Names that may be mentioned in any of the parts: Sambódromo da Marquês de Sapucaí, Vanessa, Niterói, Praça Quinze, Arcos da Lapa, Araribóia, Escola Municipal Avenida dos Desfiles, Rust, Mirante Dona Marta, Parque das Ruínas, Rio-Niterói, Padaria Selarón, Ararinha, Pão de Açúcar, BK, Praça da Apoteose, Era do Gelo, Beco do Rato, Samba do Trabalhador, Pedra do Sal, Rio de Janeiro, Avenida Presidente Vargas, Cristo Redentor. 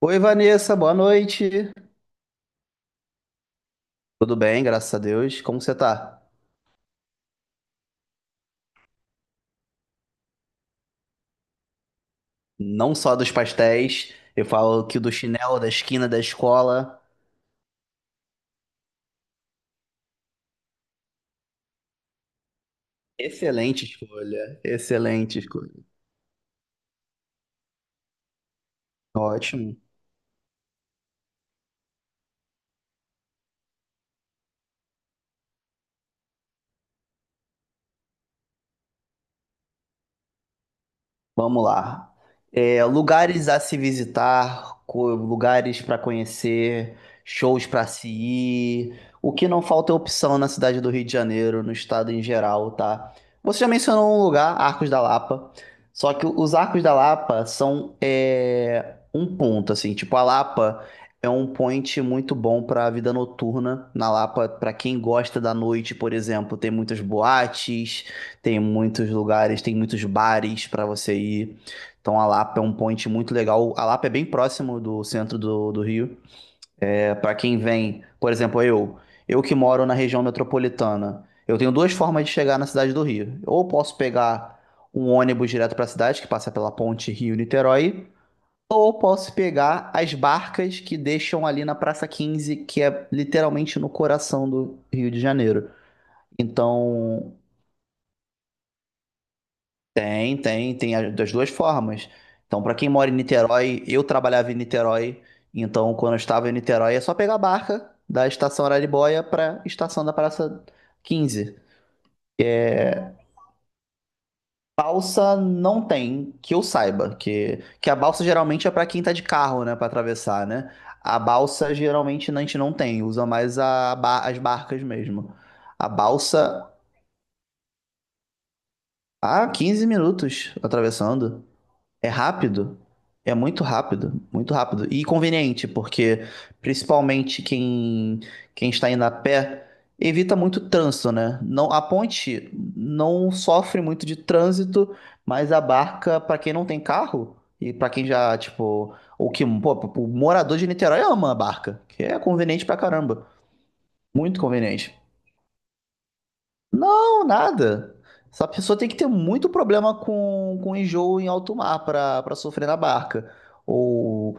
Oi, Vanessa, boa noite. Tudo bem, graças a Deus. Como você tá? Não só dos pastéis, eu falo que do chinelo da esquina da escola. Excelente escolha, excelente escolha. Ótimo. Vamos lá. É, lugares a se visitar, lugares para conhecer, shows para se ir. O que não falta é opção na cidade do Rio de Janeiro, no estado em geral, tá? Você já mencionou um lugar, Arcos da Lapa. Só que os Arcos da Lapa são um ponto, assim. Tipo, a Lapa é um point muito bom para a vida noturna. Na Lapa, para quem gosta da noite, por exemplo, tem muitas boates. Tem muitos lugares, tem muitos bares para você ir. Então a Lapa é um point muito legal. A Lapa é bem próximo do centro do Rio. É, para quem vem, por exemplo, eu que moro na região metropolitana, eu tenho duas formas de chegar na cidade do Rio. Ou posso pegar um ônibus direto para a cidade, que passa pela ponte Rio-Niterói, ou posso pegar as barcas que deixam ali na Praça Quinze, que é literalmente no coração do Rio de Janeiro. Então, tem das duas formas. Então, para quem mora em Niterói, eu trabalhava em Niterói, então quando eu estava em Niterói é só pegar a barca da estação Araribóia para estação da Praça Quinze. Balsa não tem, que eu saiba, que a balsa geralmente é para quem tá de carro, né, para atravessar, né? A balsa geralmente a gente não tem, usa mais as barcas mesmo. A balsa, ah, 15 minutos atravessando. É rápido, é muito rápido, muito rápido. E conveniente, porque principalmente quem está indo a pé evita muito trânsito, né? Não, a ponte não sofre muito de trânsito, mas a barca, para quem não tem carro, e para quem já, tipo, ou que, pô, o morador de Niterói ama a barca, que é conveniente pra caramba. Muito conveniente. Não, nada. Essa pessoa tem que ter muito problema com enjoo em alto mar pra para sofrer na barca. Ou,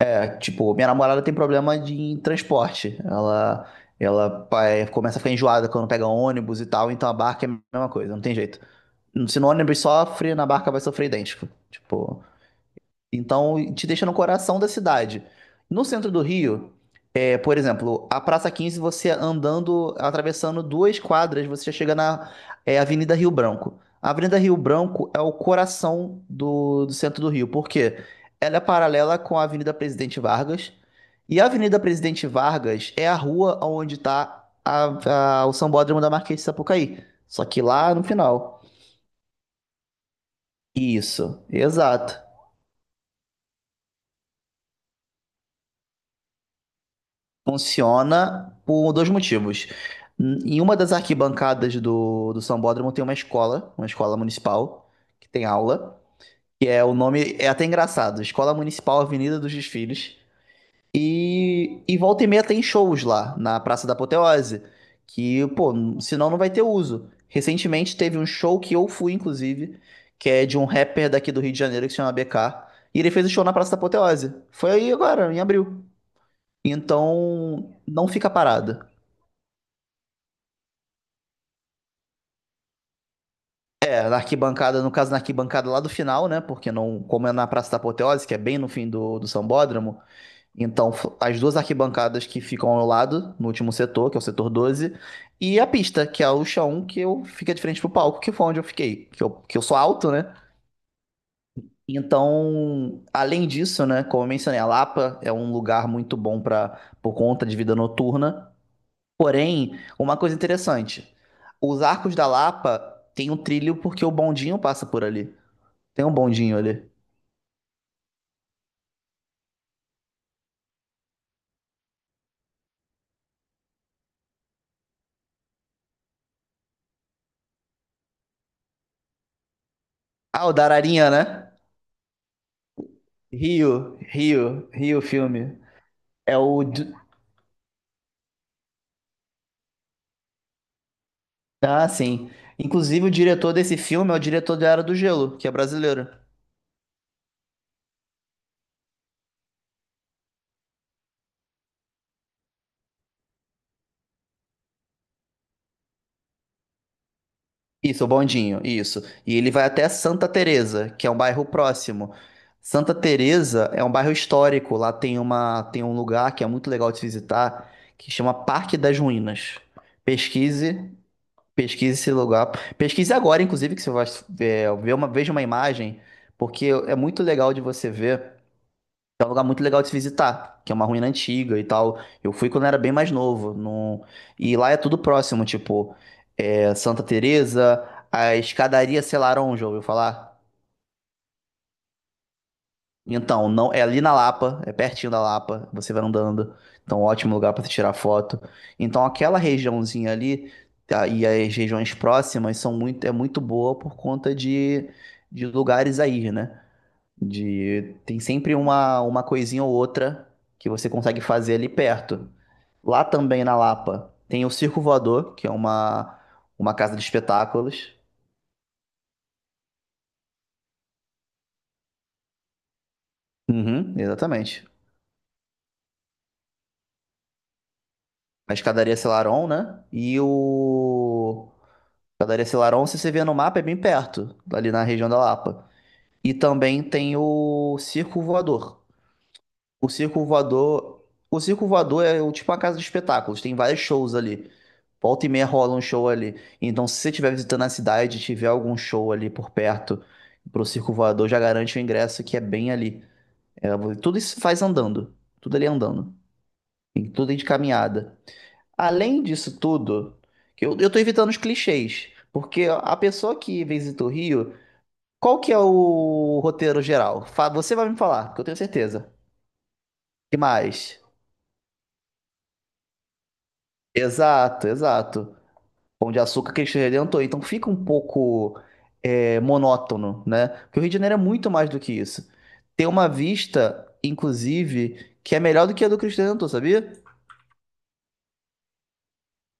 é, tipo, minha namorada tem problema de em transporte. Ela começa a ficar enjoada quando pega ônibus e tal, então a barca é a mesma coisa, não tem jeito. Se no ônibus sofre, na barca vai sofrer idêntico. Tipo, então, te deixa no coração da cidade. No centro do Rio, é, por exemplo, a Praça Quinze. Você andando, atravessando duas quadras, você já chega na Avenida Rio Branco. A Avenida Rio Branco é o coração do centro do Rio, porque ela é paralela com a Avenida Presidente Vargas. E a Avenida Presidente Vargas é a rua onde está o Sambódromo da Marquês de Sapucaí. Só que lá no final. Isso, exato. Funciona por dois motivos. Em uma das arquibancadas do Sambódromo tem uma escola municipal, que tem aula, que é o nome, é até engraçado, Escola Municipal Avenida dos Desfiles. E volta e meia tem shows lá, na Praça da Apoteose, que, pô, senão não vai ter uso. Recentemente teve um show que eu fui, inclusive, que é de um rapper daqui do Rio de Janeiro que se chama BK, e ele fez o show na Praça da Apoteose. Foi aí agora, em abril. Então, não fica parado. É, na arquibancada, no caso, na arquibancada lá do final, né? Porque não, como é na Praça da Apoteose, que é bem no fim do Sambódromo, então as duas arquibancadas que ficam ao lado, no último setor, que é o setor 12, e a pista, que é o chão, que eu fica de frente pro palco, que foi onde eu fiquei, que eu sou alto, né? Então, além disso, né, como eu mencionei, a Lapa é um lugar muito bom para por conta de vida noturna. Porém, uma coisa interessante, os arcos da Lapa tem um trilho porque o bondinho passa por ali. Tem um bondinho ali. Ah, o da Ararinha, né? Rio, Rio, Rio filme. É o. Ah, sim. Inclusive, o diretor desse filme é o diretor da Era do Gelo, que é brasileiro. Isso, o Bondinho, isso. E ele vai até Santa Teresa, que é um bairro próximo. Santa Teresa é um bairro histórico. Lá tem uma, tem um lugar que é muito legal de se visitar, que chama Parque das Ruínas. Pesquise. Pesquise esse lugar. Pesquise agora, inclusive, que você vai veja uma imagem, porque é muito legal de você ver. É um lugar muito legal de se visitar, que é uma ruína antiga e tal. Eu fui quando era bem mais novo. Não... E lá é tudo próximo, tipo, Santa Teresa, a escadaria Selarón, já ouviu falar? Então, não, é ali na Lapa, é pertinho da Lapa, você vai andando. Então, ótimo lugar para tirar foto. Então, aquela regiãozinha ali tá, e as regiões próximas são muito, é muito boa por conta de lugares aí, né? De, tem sempre uma coisinha ou outra que você consegue fazer ali perto. Lá também na Lapa tem o Circo Voador, que é uma casa de espetáculos. Uhum, exatamente. A escadaria Selarón, né? E o Padaria Selarón, se você vê no mapa, é bem perto, ali na região da Lapa. E também tem o Circo Voador. O Circo Voador, o Circo Voador é o- tipo uma casa de espetáculos, tem vários shows ali. Volta e meia rola um show ali. Então, se você estiver visitando a cidade e tiver algum show ali por perto pro Circo Voador, já garante o ingresso que é bem ali. É, vo- tudo isso faz andando. Tudo ali andando. Tem tudo aí de caminhada. Além disso tudo, que eu tô evitando os clichês. Porque a pessoa que visita o Rio, qual que é o roteiro geral? Fa- Você vai me falar, que eu tenho certeza. Que mais? Exato, exato. Pão de Açúcar, Cristo Redentor. Então fica um pouco é, monótono, né? Porque o Rio de Janeiro é muito mais do que isso. Tem uma vista, inclusive, que é melhor do que a do Cristo Redentor, sabia?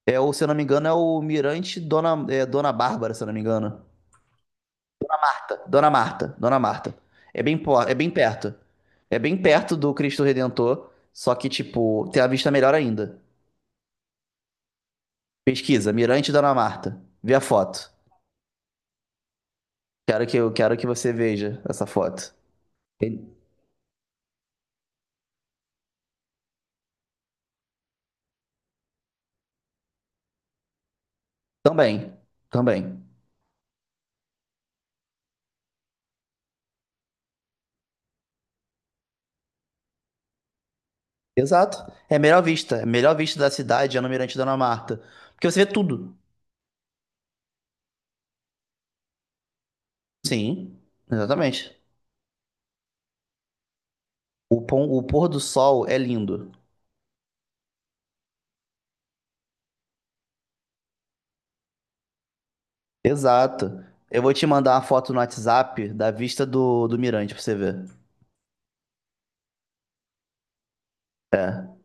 É, ou, se eu não me engano, é o Mirante Dona, Dona Bárbara, se eu não me engano. Dona Marta, Dona Marta. É bem, é bem perto. É bem perto do Cristo Redentor, só que, tipo, tem a vista melhor ainda. Pesquisa, Mirante Dona Marta. Vê a foto. Quero que, eu quero que você veja essa foto. Ele- Também, também. Exato. É a melhor vista. É a melhor vista da cidade é no Mirante Dona Marta. Porque você vê tudo. Sim, exatamente. O pôr do sol é lindo. Exato. Eu vou te mandar uma foto no WhatsApp da vista do Mirante pra você ver. É.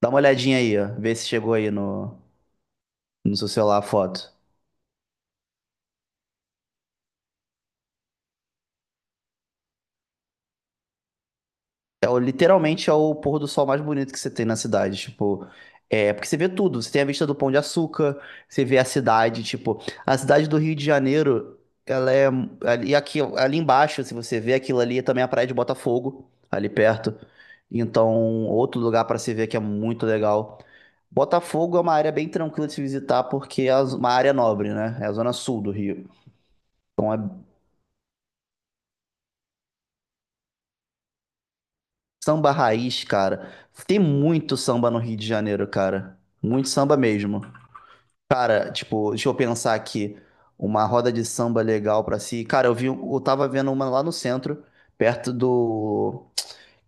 Dá uma olhadinha aí, ó. Vê se chegou aí no seu celular a foto. É, o- literalmente é o pôr do sol mais bonito que você tem na cidade, tipo, é, porque você vê tudo, você tem a vista do Pão de Açúcar, você vê a cidade, tipo, a cidade do Rio de Janeiro, ela é, e aqui, ali embaixo, se você vê aquilo ali, é também a Praia de Botafogo, ali perto, então, outro lugar pra se ver que é muito legal. Botafogo é uma área bem tranquila de se visitar, porque é uma área nobre, né, é a zona sul do Rio, então é samba raiz, cara, tem muito samba no Rio de Janeiro, cara, muito samba mesmo. Cara, tipo, deixa eu pensar aqui. Uma roda de samba legal pra si. Cara, eu tava vendo uma lá no centro, perto do.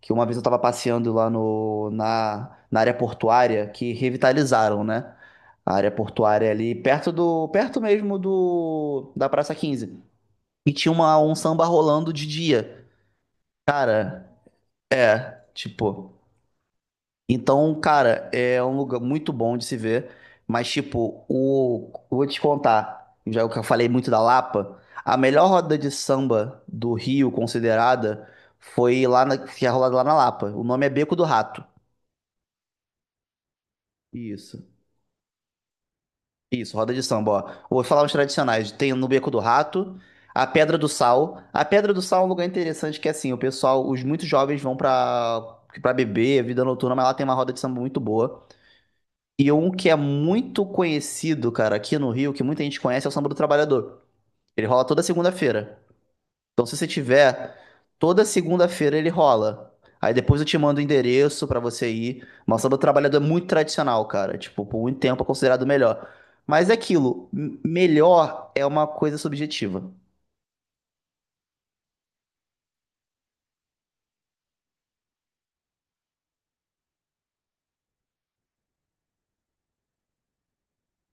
Que uma vez eu tava passeando lá no, na, na área portuária, que revitalizaram, né? A área portuária ali, perto mesmo do, da Praça Quinze. E tinha um samba rolando de dia. Cara, é, tipo. Então, cara, é um lugar muito bom de se ver, mas tipo, o eu vou te contar, já que eu falei muito da Lapa, a melhor roda de samba do Rio considerada foi lá que é rolada lá na Lapa. O nome é Beco do Rato. Isso. Isso, roda de samba, ó. Vou falar os tradicionais. Tem no Beco do Rato, a Pedra do Sal. A Pedra do Sal é um lugar interessante que assim, o pessoal, os muitos jovens vão pra para beber, vida noturna, mas lá tem uma roda de samba muito boa. E um que é muito conhecido, cara, aqui no Rio, que muita gente conhece, é o Samba do Trabalhador. Ele rola toda segunda-feira. Então, se você tiver, toda segunda-feira ele rola. Aí depois eu te mando o endereço pra você ir. Mas o Samba do Trabalhador é muito tradicional, cara. Tipo, por muito tempo é considerado o melhor. Mas é aquilo, melhor é uma coisa subjetiva.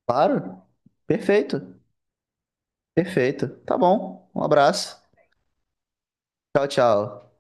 Claro? Perfeito. Perfeito. Tá bom. Um abraço. Tchau, tchau.